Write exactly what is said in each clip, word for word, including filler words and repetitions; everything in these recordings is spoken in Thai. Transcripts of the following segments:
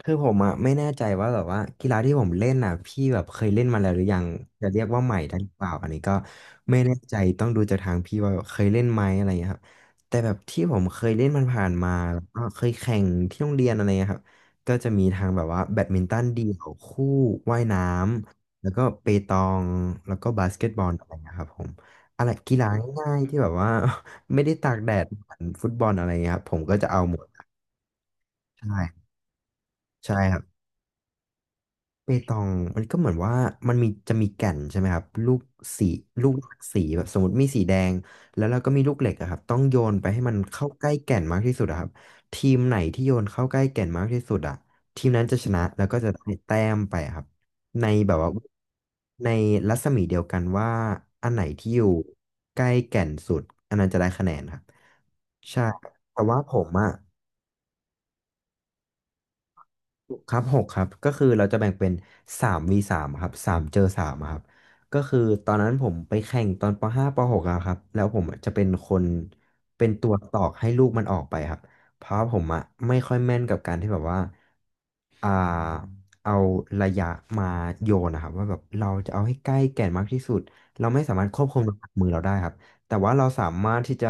คือผมอ่ะไม่แน่ใจว่าแบบว่ากีฬาที่ผมเล่นอ่ะพี่แบบเคยเล่นมาแล้วหรือยังจะเรียกว่าใหม่ได้หรือเปล่าอันนี้ก็ไม่แน่ใจต้องดูจากทางพี่ว่าเคยเล่นไหมอะไรเงี้ยครับแต่แบบที่ผมเคยเล่นมันผ่านๆมาแล้วก็เคยแข่งที่โรงเรียนอะไรเงี้ยครับก็จะมีทางแบบว่าแบดมินตันเดี่ยวคู่ว่ายน้ำแล้วก็เปตองแล้วก็บาสเกตบอลอะไรเงี้ยครับผมอะไรกีฬาง่ายๆที่แบบว่า ไม่ได้ตากแดดเหมือนฟุตบอลอะไรเงี้ยครับผมก็จะเอาหมดใช่ใช่ครับ เปตองมันก็เหมือนว่ามันมีจะมีแก่นใช่ไหมครับลูกสีลูกหลากสีแบบสมมติมีสีแดงแล้วเราก็มีลูกเหล็กอะครับต้องโยนไปให้มันเข้าใกล้แก่นมากที่สุดอะครับทีมไหนที่โยนเข้าใกล้แก่นมากที่สุดอะทีมนั้นจะชนะแล้วก็จะได้แต้มไปอะครับในแบบว่าในรัศมีเดียวกันว่าอันไหนที่อยู่ใกล้แก่นสุดอันนั้นจะได้คะแนนครับใช่แต่ว่าผมอะ ครับหกครับก็คือเราจะแบ่งเป็นสามวีสามครับสามเจอสามครับก็คือตอนนั้นผมไปแข่งตอนปห้าปหกอะครับแล้วผมอะจะเป็นคนเป็นตัวตอกให้ลูกมันออกไปครับเพราะผมอะไม่ค่อยแม่นกับการที่แบบว่า อ่าเอาระยะมาโยนนะครับว่าแบบเราจะเอาให้ใกล้แก่นมากที่สุดเราไม่สามารถควบคุมน้ำหนักมือเราได้ครับแต่ว่าเราสามารถที่จะ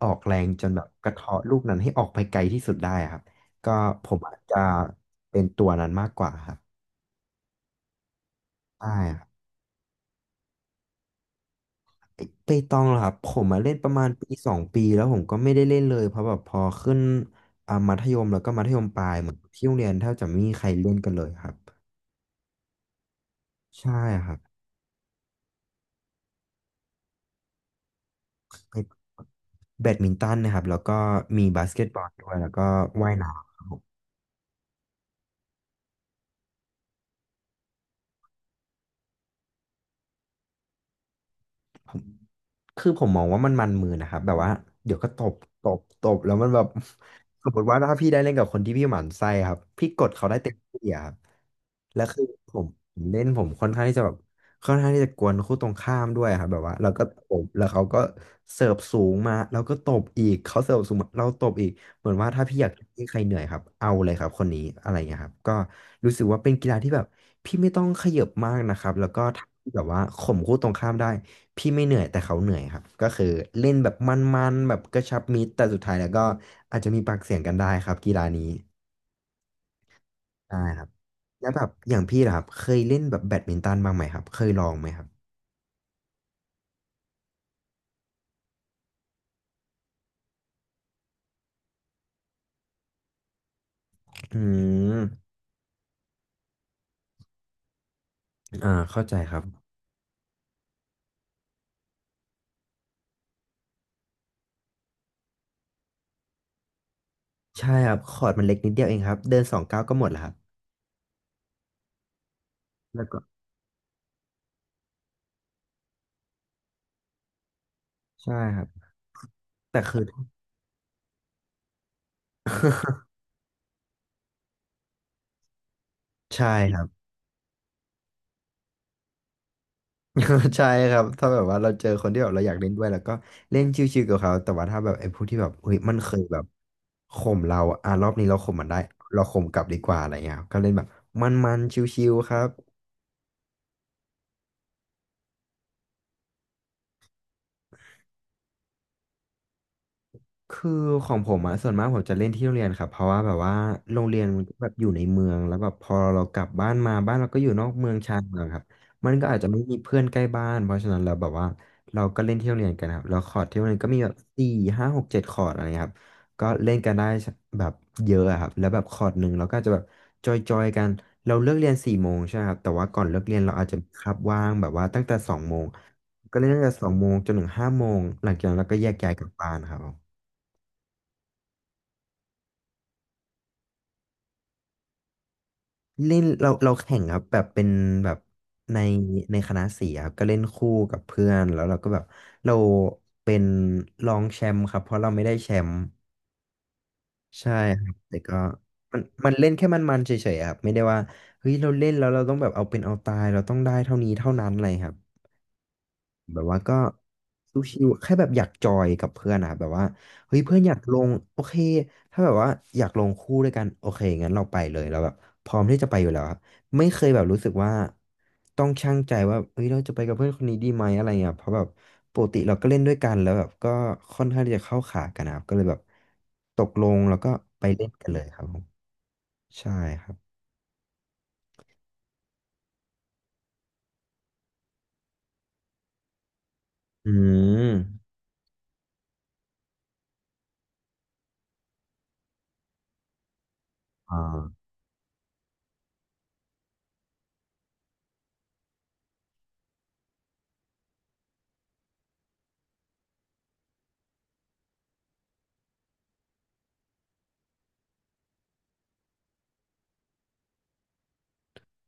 ออกแรงจนแบบกระเทาะลูกนั้นให้ออกไปไกลที่สุดได้ครับก็ผมอาจจะเป็นตัวนั้นมากกว่าครับใช่ครับไปตองเหรอครับผมมาเล่นประมาณปีสองปีแล้วผมก็ไม่ได้เล่นเลยเพราะแบบพอขึ้นอ่ามัธยมแล้วก็มัธยมปลายเหมือนที่โรงเรียนแทบจะไม่มีใครเล่นกันเลยครับใช่ครับ แบดมินตันนะครับแล้วก็มีบาสเกตบอลด้วยแล้วก็ว่ายน้ำผม คือผมมองว่ามันมันมือนะครับแบบว่าเดี๋ยวก็ตบตบตบแล้วมันแบบ สมมติว่าถ้าพี่ได้เล่นกับคนที่พี่หมั่นไส้ครับพี่กดเขาได้เต็มที่อะครับแล้วคือผมผมเล่นผมค่อนข้างที่จะแบบค่อนข้างที่จะกวนคู่ตรงข้ามด้วยครับแบบว่าเราก็ตบแล้วเขาก็เสิร์ฟสูงมาแล้วก็ตบอีกเขาเสิร์ฟสูงมาเราตบอีกเหมือนว่าถ้าพี่อยากให้ใครเหนื่อยครับเอาเลยครับคนนี้อะไรเงี้ยครับก็รู้สึกว่าเป็นกีฬาที่แบบพี่ไม่ต้องขยับมากนะครับแล้วก็ทำให้แบบว่าข่มคู่ตรงข้ามได้ พี่ไม่เหนื่อยแต่เขาเหนื่อยครับก็คือเล่นแบบมันๆแบบกระชับมิตรแต่สุดท้ายแล้วก็อาจจะมีปากเสียงกันได้ครับกีฬานี้ใช่ครับแล้วแบบอย่างพี่ล่ะครับเคยเล่นแบบแบดมินตันบ้างไหมครับเคยลองไหมครับอืมอ่าเข้าใจครับใช่ครับคอร์ตมันเล็กนิดเดียวเองครับเดินสองก้าวก็หมดแล้วครับแล้วก็ใช่ครับแต่คือใช่ครับ ใช่ครับถ้าแบบว่าเราเจอคนที่แบบเราอยากเล่นด้วยแล้วก็เล่นชิวๆกับเขาแต่ว่าถ้าแบบไอ้พวกที่แบบเฮ้ยมันเคยแบบข่มเราอะอ่ะรอบนี้เราข่มมันได้เราข่มกลับดีกว่าอะไรเงี้ยครับก็เล่นแบบมันๆชิวๆครับ คือของผมอะส่วนมากผมจะเล่นที่โรงเรียนครับเพราะว่าแบบว่าโรงเรียนมันก็แบบอยู่ในเมืองแล้วแบบพอเรากลับบ้านมาบ้านเราก็อยู่นอกเมืองชานเมืองครับมันก็อาจจะไม่มีเพื่อนใกล้บ้านเพราะฉะนั้นเราแบบว่าเราก็เล่นที่โรงเรียนกันครับแล้วคอร์ดที่โรงเรียนก็มีแบบสี่ห้าหกเจ็ดคอร์ดอะไรเงี้ยครับก็เล่นกันได้แบบเยอะอะครับแล้วแบบคอร์ดหนึ่งเราก็อาจจะแบบจอยจอยกันเราเลิกเรียนสี่โมงใช่ไหมครับแต่ว่าก่อนเลิกเรียนเราอาจจะมีคาบว่างแบบว่าตั้งแต่สองโมงก็เล่นตั้งแต่สองโมงจนถึงห้าโมงหลังจากนั้นเราก็แยกย้ายกลับบ้านครับ เล่นเราเราแข่งครับแบบเป็นแบบในในคณะสีครับก็เล่นคู่กับเพื่อนแล้วเราก็แบบเราเป็นรองแชมป์ครับเพราะเราไม่ได้แชมป์ใช่ครับแต่ก็มันมันเล่นแค่มันๆเฉยๆครับไม่ได้ว่าเฮ้ยเราเล่นแล้วเราต้องแบบเอาเป็นเอาตายเราต้องได้เท่านี้เท่านั้นอะไรครับ แบบว่าก็ชิวๆแค่แบบอยากจอยกับเพื่อนอะแบบว่าเฮ้ยเพื่อนอยากลงโอเคถ้าแบบว่าอยากลงคู่ด้วยกันโอเคงั้นเราไปเลยเราแบบพร้อมที่จะไปอยู่แล้วครับไม่เคยแบบรู้สึกว่าต้องชั่งใจว่าเฮ้ยเราจะไปกับเพื่อนคนนี้ดีไหมอะไรเงี้ยเพราะแบบปกติเราก็เล่นด้วยกันแล้วแบบก็ค่อนข้างที่จะเข้าขากันนะครับก็เลยแบบตกลงแล้วก็ไปเล่นกันเลยครับผมใช่ครับอืมอ่า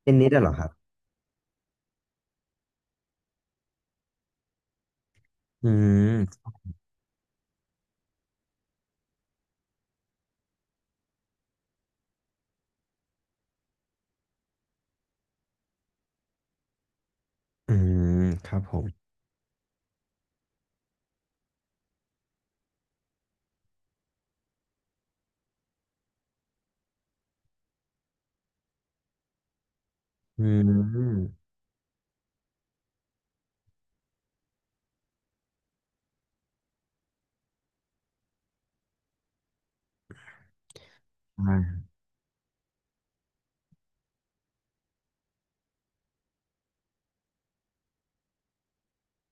เทนนิสอะเหรอครับอืมอืมครับผมอืม อ่า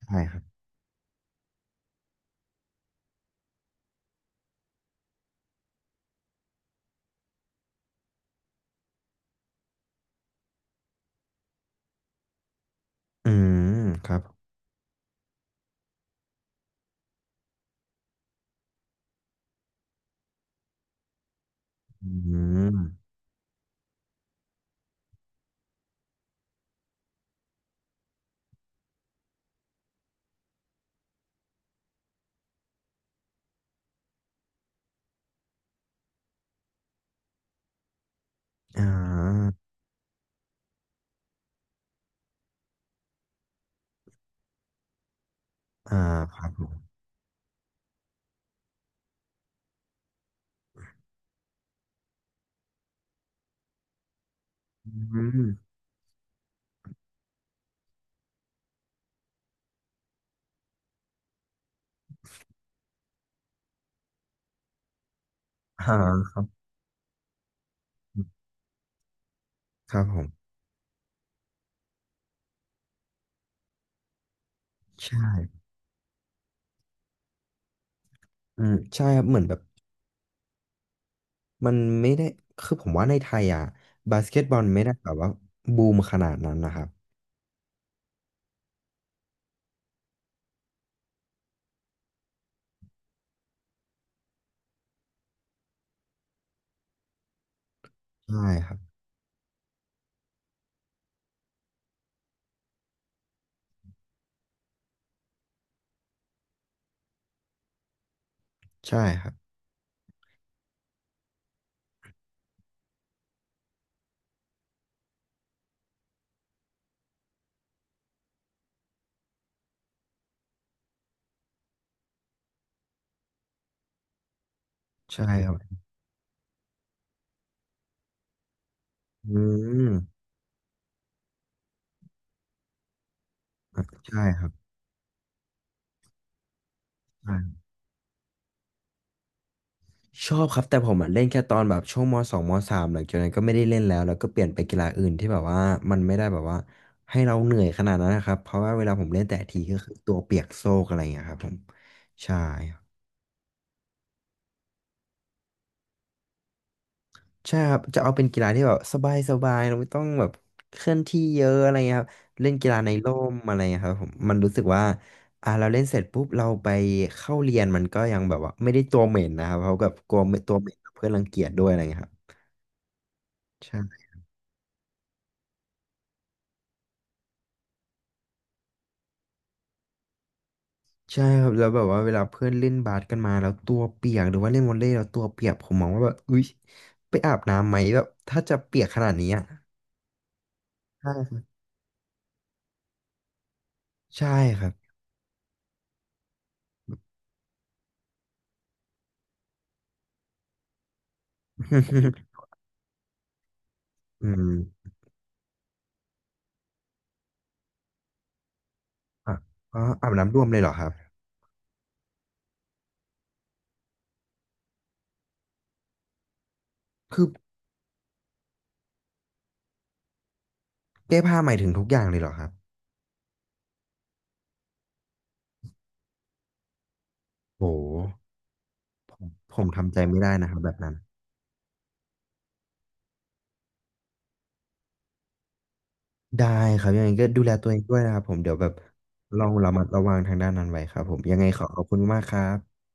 ใช่ครับอืมครับอืมอ่าอ่าครับผมอืมอ่าครับผมใช่อืมใช่ครับเหมือนแบบมันไม่ได้คือผมว่าในไทยอ่ะบาสเกตบอลไม่ได้แบบว่าบูมขนาดนั้นนะครับใช่ครับใช่ครับใช่ครับอืมใช่ครับ ชอบครับแต่ผมอะเล่นแค่ตอนแบบช่วงมสองมสามหลังจากนั้นก็ไม่ได้เล่นแล้วแล้วก็เปลี่ยนไปกีฬาอื่นที่แบบว่ามันไม่ได้แบบว่าให้เราเหนื่อยขนาดนั้นนะครับเพราะว่าเวลาผมเล่นแต่ทีก็คือตัวเปียกโซกอะไรอย่างเงี้ยครับผมใช่ครับใช่ครับจะเอาเป็นกีฬาที่แบบสบายสบายเราไม่ต้องแบบเคลื่อนที่เยอะอะไรเงี้ยครับเล่นกีฬาในร่มอะไรเงี้ยครับผมมันรู้สึกว่าอ่าเราเล่นเสร็จปุ๊บเราไปเข้าเรียนมันก็ยังแบบว่าไม่ได้ตัวเหม็นนะครับเพราะแบบกลัวไม่ตัวเหม็นเพื่อนรังเกียจด้วยอะไรเงี้ยครับใช่ ใช่ครับแล้วแบบว่าเวลาเพื่อนเล่นบาสกันมาแล้วตัวเปียกหรือว่าเล่นวอลเลย์แล้วตัวเปียกผมมองว่าแบบอุ๊ยไปอาบน้ำไหมแบบถ้าจะเปียกขนาดนี้อ่ะใช่ครับ ใช่ครับ อืมอ่ะอ๋ออาบน้ำรวมเลยเหรอครับคือแก้ผ้าหมายถึงทุกอย่างเลยเหรอครับโหผมทำใจไม่ได้นะครับแบบนั้นได้ครับยังไงก็ดูแลตัวเองด้วยนะครับผมเดี๋ยวแบบลองระมัดระวังทางด้านนั้นไว้ครับผมยังไงขอขอบคุณมากครับ